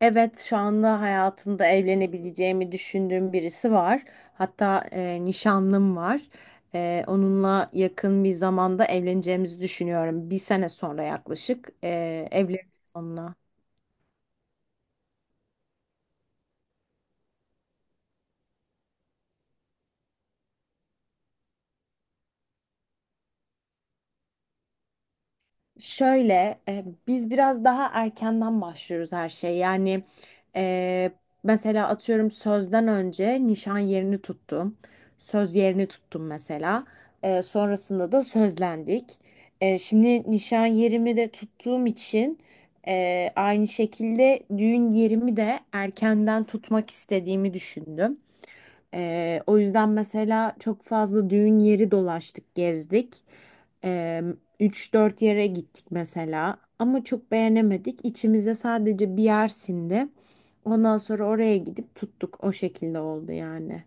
Evet, şu anda hayatımda evlenebileceğimi düşündüğüm birisi var. Hatta nişanlım var. Onunla yakın bir zamanda evleneceğimizi düşünüyorum. Bir sene sonra yaklaşık evleneceğiz onunla. Şöyle biz biraz daha erkenden başlıyoruz her şey. Yani e, mesela atıyorum sözden önce nişan yerini tuttum. Söz yerini tuttum mesela. Sonrasında da sözlendik. Şimdi nişan yerimi de tuttuğum için aynı şekilde düğün yerimi de erkenden tutmak istediğimi düşündüm. O yüzden mesela çok fazla düğün yeri dolaştık, gezdik. Ee, 3-4 yere gittik mesela ama çok beğenemedik. İçimizde sadece bir yer sindi. Ondan sonra oraya gidip tuttuk. O şekilde oldu yani.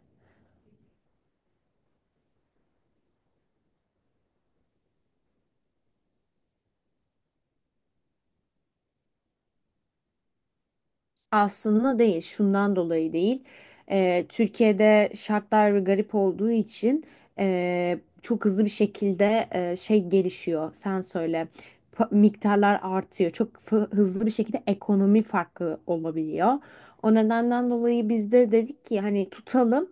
Aslında değil, şundan dolayı değil. Türkiye'de şartlar ve garip olduğu için çok hızlı bir şekilde şey gelişiyor. Sen söyle, miktarlar artıyor. Çok hızlı bir şekilde ekonomi farkı olabiliyor. O nedenden dolayı biz de dedik ki hani tutalım.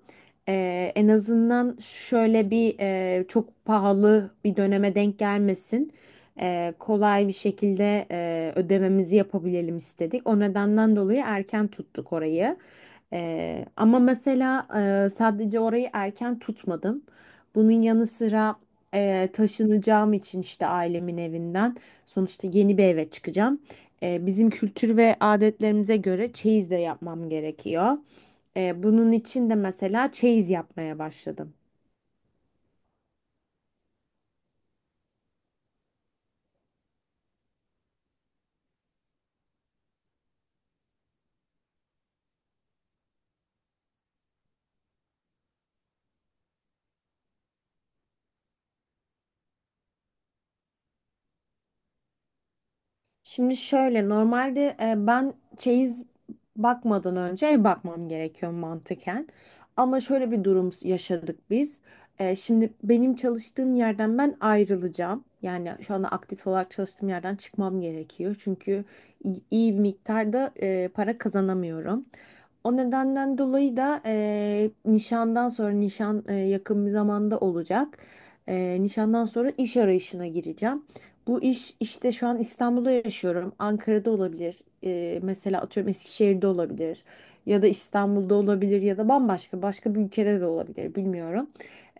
En azından şöyle bir çok pahalı bir döneme denk gelmesin, kolay bir şekilde ödememizi yapabilelim istedik. O nedenden dolayı erken tuttuk orayı. Ama mesela sadece orayı erken tutmadım. Bunun yanı sıra taşınacağım için işte ailemin evinden sonuçta yeni bir eve çıkacağım. Bizim kültür ve adetlerimize göre çeyiz de yapmam gerekiyor. Bunun için de mesela çeyiz yapmaya başladım. Şimdi şöyle normalde ben çeyiz bakmadan önce ev bakmam gerekiyor mantıken. Ama şöyle bir durum yaşadık biz. Şimdi benim çalıştığım yerden ben ayrılacağım. Yani şu anda aktif olarak çalıştığım yerden çıkmam gerekiyor. Çünkü iyi iyi bir miktarda para kazanamıyorum. O nedenden dolayı da nişandan sonra, nişan yakın bir zamanda olacak. Nişandan sonra iş arayışına gireceğim. Bu iş işte şu an İstanbul'da yaşıyorum. Ankara'da olabilir. Mesela atıyorum Eskişehir'de olabilir. Ya da İstanbul'da olabilir, ya da bambaşka başka bir ülkede de olabilir, bilmiyorum.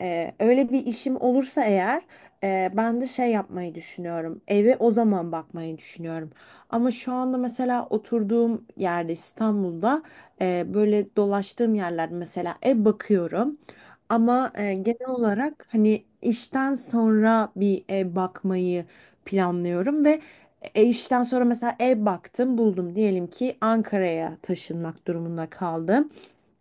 Öyle bir işim olursa eğer ben de şey yapmayı düşünüyorum. Eve o zaman bakmayı düşünüyorum. Ama şu anda mesela oturduğum yerde, İstanbul'da, böyle dolaştığım yerlerde mesela ev bakıyorum. Ama genel olarak hani işten sonra bir ev bakmayı planlıyorum, ve işten sonra mesela ev baktım, buldum, diyelim ki Ankara'ya taşınmak durumunda kaldım,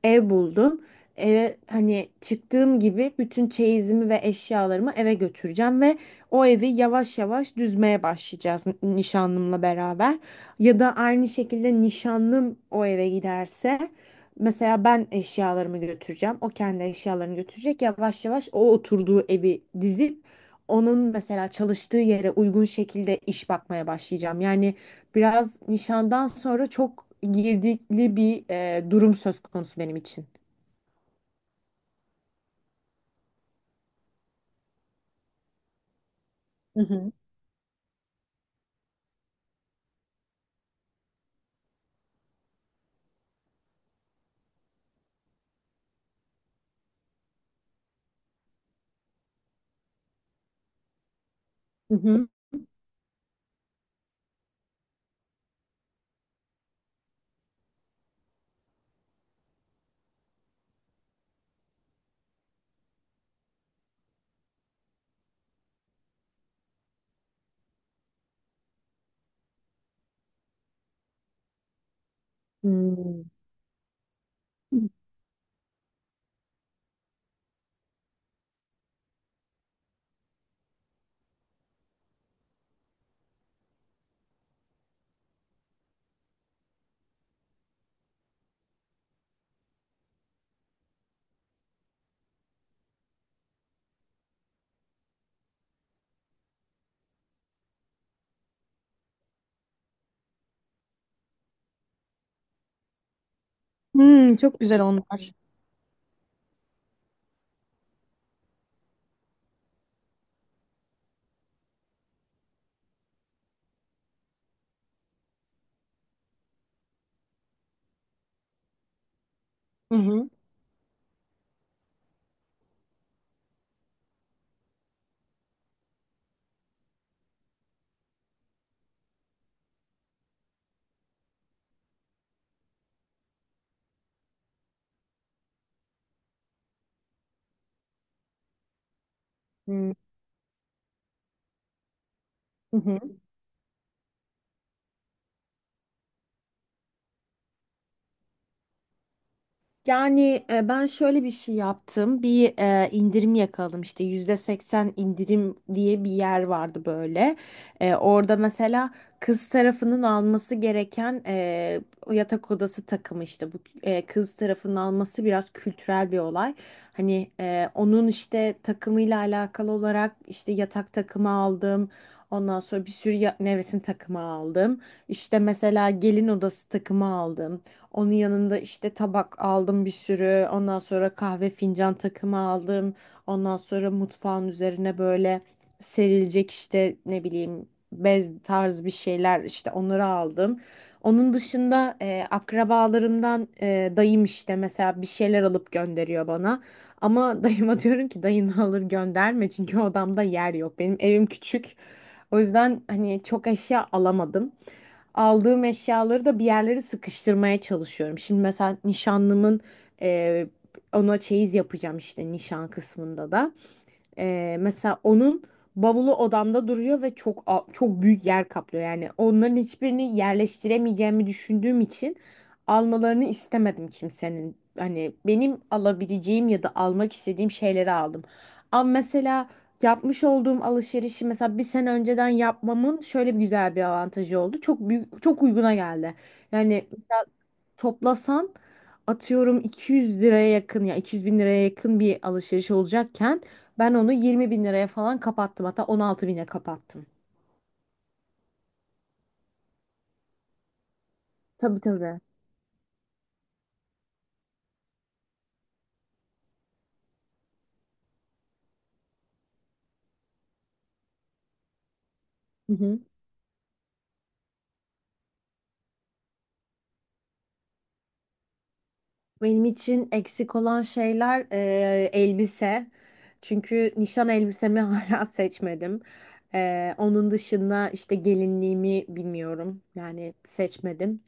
ev buldum. Eve hani çıktığım gibi bütün çeyizimi ve eşyalarımı eve götüreceğim ve o evi yavaş yavaş düzmeye başlayacağız nişanlımla beraber. Ya da aynı şekilde nişanlım o eve giderse, mesela ben eşyalarımı götüreceğim. O kendi eşyalarını götürecek. Yavaş yavaş o oturduğu evi dizip onun mesela çalıştığı yere uygun şekilde iş bakmaya başlayacağım. Yani biraz nişandan sonra çok girdikli bir durum söz konusu benim için. Hı hı. Hı hı. Hmm. Hmm, çok güzel onlar. Hı hı. Hı hı. Yani ben şöyle bir şey yaptım. Bir indirim yakaladım, işte %80 indirim diye bir yer vardı böyle. Orada mesela kız tarafının alması gereken yatak odası takımı, işte bu kız tarafının alması biraz kültürel bir olay. Hani onun işte takımıyla alakalı olarak işte yatak takımı aldım. Ondan sonra bir sürü nevresim takımı aldım. İşte mesela gelin odası takımı aldım. Onun yanında işte tabak aldım bir sürü. Ondan sonra kahve fincan takımı aldım. Ondan sonra mutfağın üzerine böyle serilecek, işte ne bileyim, bez tarz bir şeyler, işte onları aldım. Onun dışında akrabalarımdan, dayım işte mesela bir şeyler alıp gönderiyor bana. Ama dayıma diyorum ki dayını alır gönderme, çünkü odamda yer yok. Benim evim küçük. O yüzden hani çok eşya alamadım, aldığım eşyaları da bir yerlere sıkıştırmaya çalışıyorum. Şimdi mesela nişanlımın e, ona çeyiz yapacağım işte, nişan kısmında da. Mesela onun bavulu odamda duruyor ve çok çok büyük yer kaplıyor. Yani onların hiçbirini yerleştiremeyeceğimi düşündüğüm için almalarını istemedim kimsenin. Hani benim alabileceğim ya da almak istediğim şeyleri aldım. Ama mesela yapmış olduğum alışverişi, mesela bir sene önceden yapmamın şöyle bir güzel bir avantajı oldu. Çok büyük, çok uyguna geldi. Yani toplasan atıyorum 200 liraya yakın, ya 200 bin liraya yakın bir alışveriş olacakken, ben onu 20 bin liraya falan kapattım, hatta 16 bine kapattım. Tabii tabii. Hı hı. Benim için eksik olan şeyler elbise. Çünkü nişan elbisemi hala seçmedim. Onun dışında işte gelinliğimi bilmiyorum. Yani seçmedim.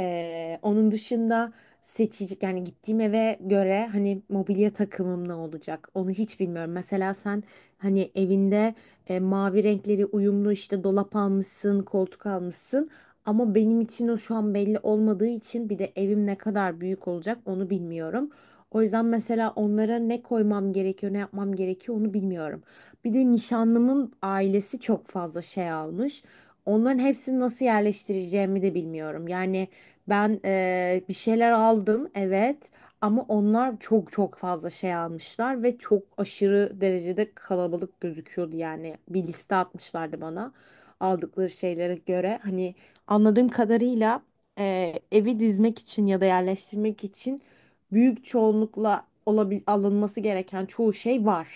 Onun dışında seçecek, yani gittiğim eve göre hani mobilya takımım ne olacak onu hiç bilmiyorum. Mesela sen hani evinde mavi renkleri uyumlu işte dolap almışsın, koltuk almışsın. Ama benim için o şu an belli olmadığı için, bir de evim ne kadar büyük olacak onu bilmiyorum. O yüzden mesela onlara ne koymam gerekiyor, ne yapmam gerekiyor onu bilmiyorum. Bir de nişanlımın ailesi çok fazla şey almış. Onların hepsini nasıl yerleştireceğimi de bilmiyorum. Yani ben bir şeyler aldım evet, ama onlar çok çok fazla şey almışlar ve çok aşırı derecede kalabalık gözüküyordu yani. Bir liste atmışlardı bana aldıkları şeylere göre. Hani, anladığım kadarıyla evi dizmek için ya da yerleştirmek için büyük çoğunlukla alınması gereken çoğu şey var.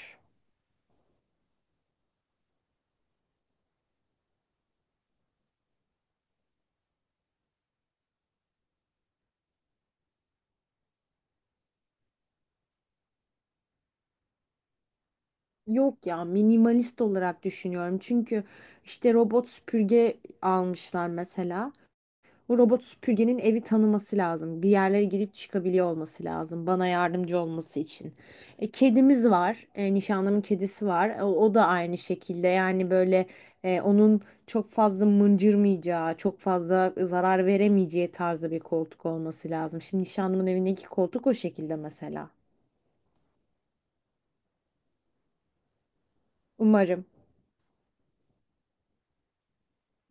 Yok ya, minimalist olarak düşünüyorum. Çünkü işte robot süpürge almışlar mesela. Bu robot süpürgenin evi tanıması lazım. Bir yerlere girip çıkabiliyor olması lazım. Bana yardımcı olması için. Kedimiz var. Nişanlımın kedisi var. O da aynı şekilde. Yani böyle onun çok fazla mıncırmayacağı, çok fazla zarar veremeyeceği tarzda bir koltuk olması lazım. Şimdi nişanlımın evindeki koltuk o şekilde mesela. Umarım.